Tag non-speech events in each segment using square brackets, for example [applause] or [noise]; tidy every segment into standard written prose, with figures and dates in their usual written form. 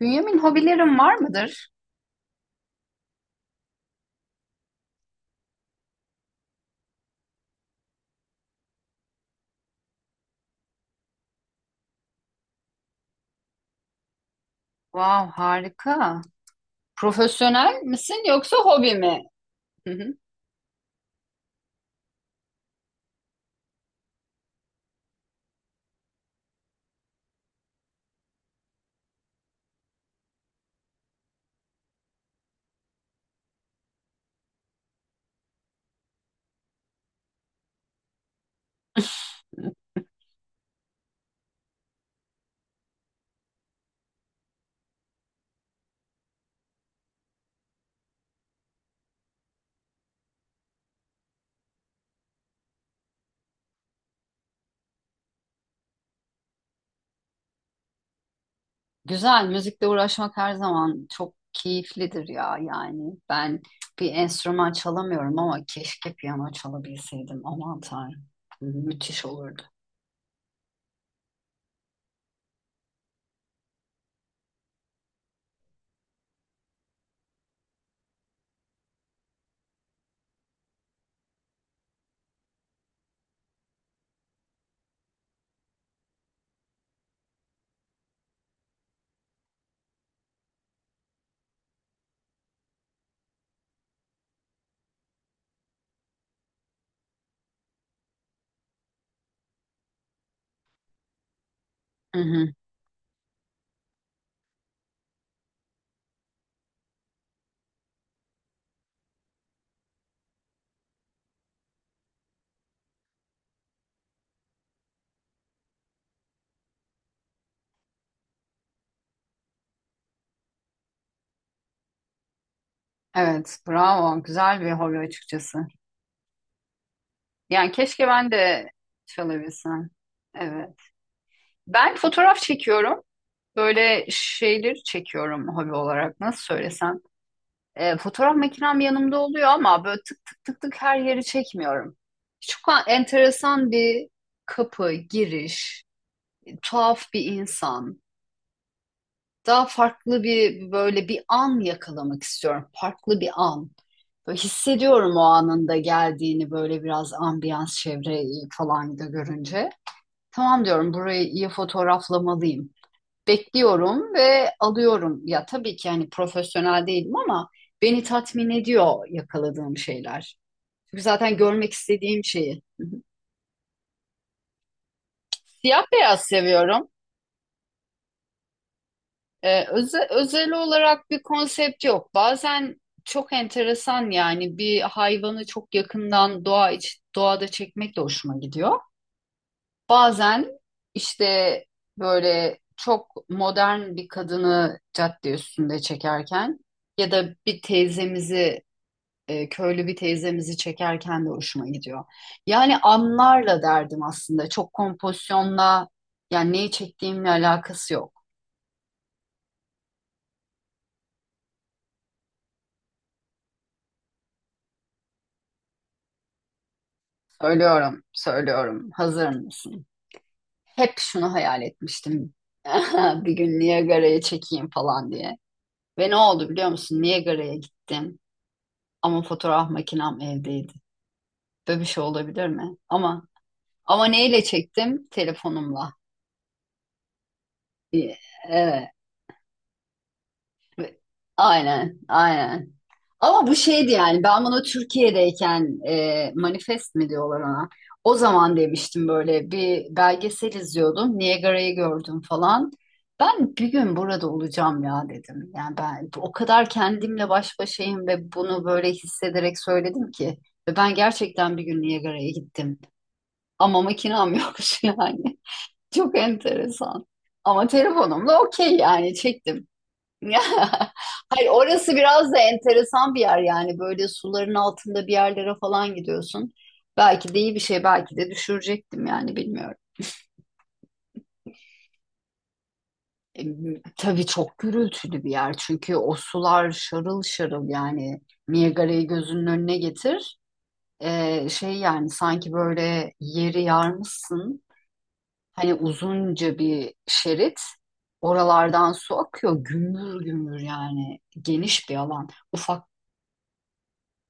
Bünyamin, hobilerin var mıdır? Wow, harika. Profesyonel misin yoksa hobi mi? Hı hı. Güzel, müzikle uğraşmak her zaman çok keyiflidir ya yani. Ben bir enstrüman çalamıyorum ama keşke piyano çalabilseydim. Aman Tanrım, hı hı, müthiş olurdu. Hı hı. Evet, bravo. Güzel bir hobi açıkçası. Yani keşke ben de çalabilsem. Evet. Ben fotoğraf çekiyorum. Böyle şeyleri çekiyorum hobi olarak. Nasıl söylesem? Fotoğraf makinem yanımda oluyor ama böyle tık tık tık tık her yeri çekmiyorum. Çok enteresan bir kapı, giriş, tuhaf bir insan. Daha farklı bir böyle bir an yakalamak istiyorum. Farklı bir an. Böyle hissediyorum o anında geldiğini, böyle biraz ambiyans, çevre falan da görünce. Tamam diyorum, burayı iyi fotoğraflamalıyım, bekliyorum ve alıyorum. Ya tabii ki yani profesyonel değilim ama beni tatmin ediyor yakaladığım şeyler. Çünkü zaten görmek istediğim şeyi. Siyah beyaz seviyorum. Özel olarak bir konsept yok. Bazen çok enteresan yani, bir hayvanı çok yakından doğa iç, doğada çekmek de hoşuma gidiyor. Bazen işte böyle çok modern bir kadını cadde üstünde çekerken ya da bir teyzemizi, köylü bir teyzemizi çekerken de hoşuma gidiyor. Yani anlarla derdim aslında. Çok kompozisyonla, yani neyi çektiğimle alakası yok. Söylüyorum, söylüyorum. Hazır mısın? Hep şunu hayal etmiştim. [laughs] Bir gün Niagara'ya çekeyim falan diye. Ve ne oldu biliyor musun? Niagara'ya gittim. Ama fotoğraf makinem evdeydi. Böyle bir şey olabilir mi? Ama neyle çektim? Telefonumla. Ee, Evet. Aynen, aynen. Ama bu şeydi yani, ben bunu Türkiye'deyken manifest mi diyorlar ona. O zaman demiştim, böyle bir belgesel izliyordum. Niagara'yı gördüm falan. Ben bir gün burada olacağım ya dedim. Yani ben o kadar kendimle baş başayım ve bunu böyle hissederek söyledim ki. Ve ben gerçekten bir gün Niagara'ya gittim. Ama makinam [laughs] yokmuş yani. Çok enteresan. Ama telefonumla okey yani çektim. Ya, [laughs] hayır, orası biraz da enteresan bir yer yani, böyle suların altında bir yerlere falan gidiyorsun. Belki de iyi bir şey, belki de düşürecektim yani bilmiyorum. E, tabii çok gürültülü bir yer, çünkü o sular şarıl şarıl yani. Niagara'yı gözünün önüne getir. Şey yani, sanki böyle yeri yarmışsın, hani uzunca bir şerit, oralardan su akıyor gümbür gümbür, yani geniş bir alan. Ufak.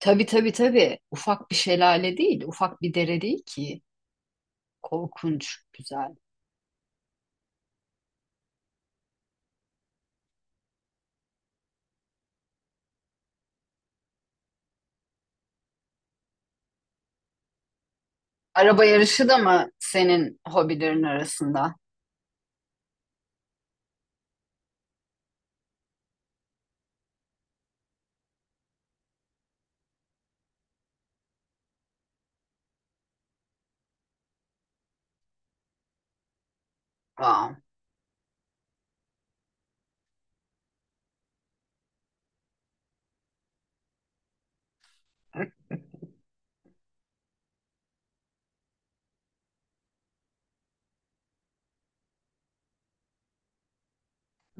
Tabii tabii tabii. Ufak bir şelale değil, ufak bir dere değil ki. Korkunç, güzel. Araba yarışı da mı senin hobilerin arasında? Wow.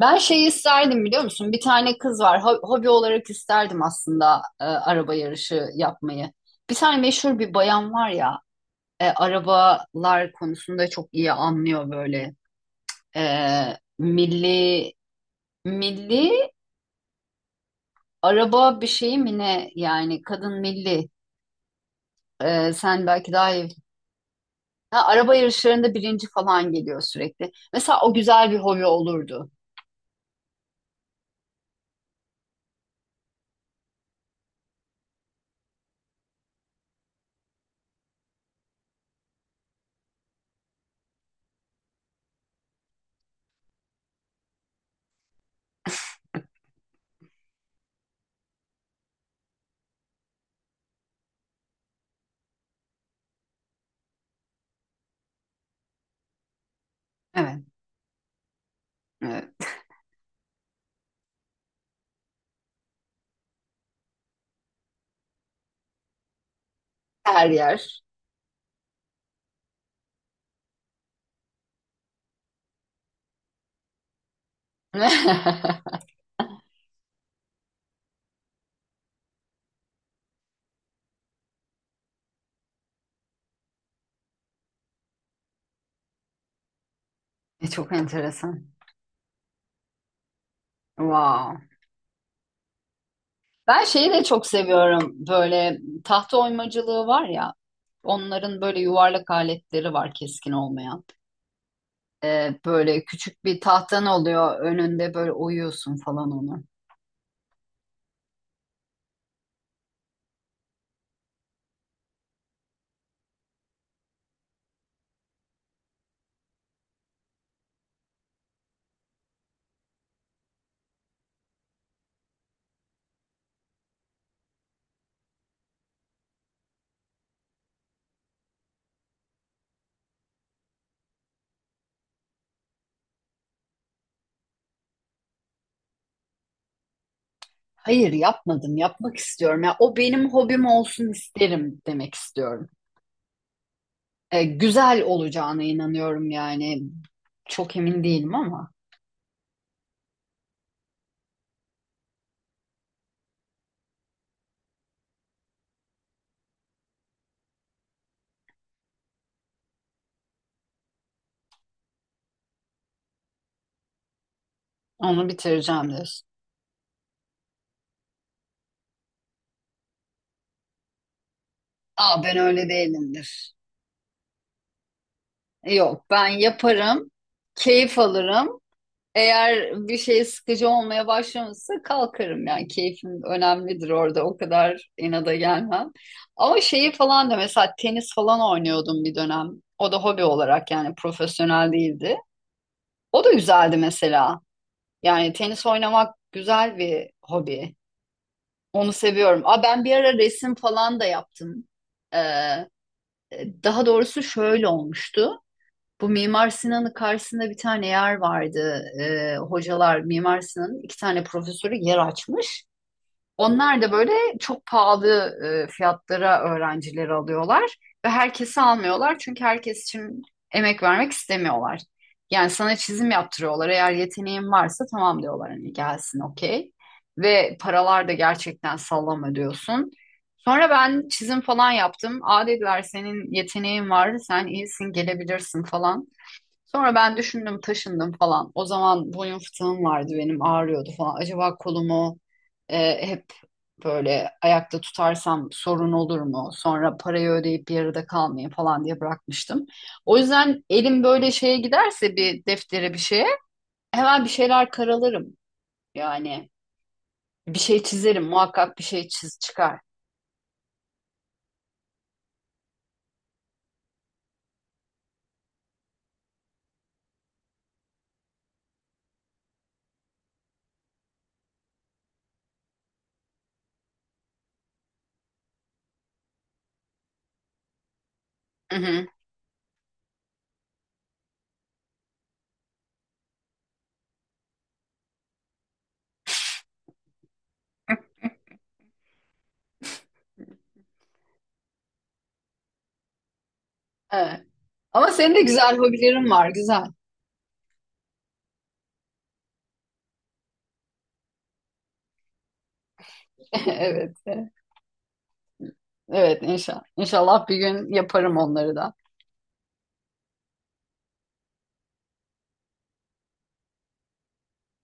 Ben şeyi isterdim biliyor musun? Bir tane kız var. Hobi olarak isterdim aslında, araba yarışı yapmayı. Bir tane meşhur bir bayan var ya, arabalar konusunda çok iyi anlıyor böyle. E, milli, milli araba bir şeyi mi ne? Yani kadın milli. Sen belki daha iyi. Ha, araba yarışlarında birinci falan geliyor sürekli. Mesela o güzel bir hobi olurdu. Evet. Evet. Her yer. [laughs] Çok enteresan. Wow. Ben şeyi de çok seviyorum. Böyle tahta oymacılığı var ya. Onların böyle yuvarlak aletleri var, keskin olmayan. Böyle küçük bir tahtan oluyor önünde, böyle oyuyorsun falan onu. Hayır yapmadım, yapmak istiyorum. Ya, o benim hobim olsun isterim demek istiyorum. Güzel olacağına inanıyorum yani. Çok emin değilim ama onu bitireceğim diyorsun. Aa, ben öyle değilimdir. Yok, ben yaparım, keyif alırım. Eğer bir şey sıkıcı olmaya başlamışsa kalkarım yani. Keyfim önemlidir orada, o kadar inada gelmem. Ama şeyi falan da, mesela tenis falan oynuyordum bir dönem. O da hobi olarak, yani profesyonel değildi. O da güzeldi mesela. Yani tenis oynamak güzel bir hobi. Onu seviyorum. Aa, ben bir ara resim falan da yaptım. Ee, Daha doğrusu şöyle olmuştu. Bu Mimar Sinan'ın karşısında bir tane yer vardı. Hocalar, Mimar Sinan'ın iki tane profesörü yer açmış. Onlar da böyle çok pahalı fiyatlara öğrencileri alıyorlar ve herkesi almıyorlar, çünkü herkes için emek vermek istemiyorlar. Yani sana çizim yaptırıyorlar. Eğer yeteneğin varsa tamam diyorlar hani, gelsin okey. Ve paralar da gerçekten sallama diyorsun. Sonra ben çizim falan yaptım. Aa dediler, senin yeteneğin var, sen iyisin, gelebilirsin falan. Sonra ben düşündüm, taşındım falan. O zaman boyun fıtığım vardı benim, ağrıyordu falan. Acaba kolumu hep böyle ayakta tutarsam sorun olur mu? Sonra parayı ödeyip yarıda kalmayayım falan diye bırakmıştım. O yüzden elim böyle şeye giderse, bir deftere bir şeye, hemen bir şeyler karalarım. Yani bir şey çizerim, muhakkak bir şey çıkar. Hı hı, evet. Ama senin de güzel hobilerin var, güzel. [laughs] Evet, evet inşallah. İnşallah bir gün yaparım onları da.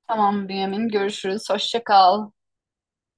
Tamam Bünyamin. Görüşürüz. Hoşça kal.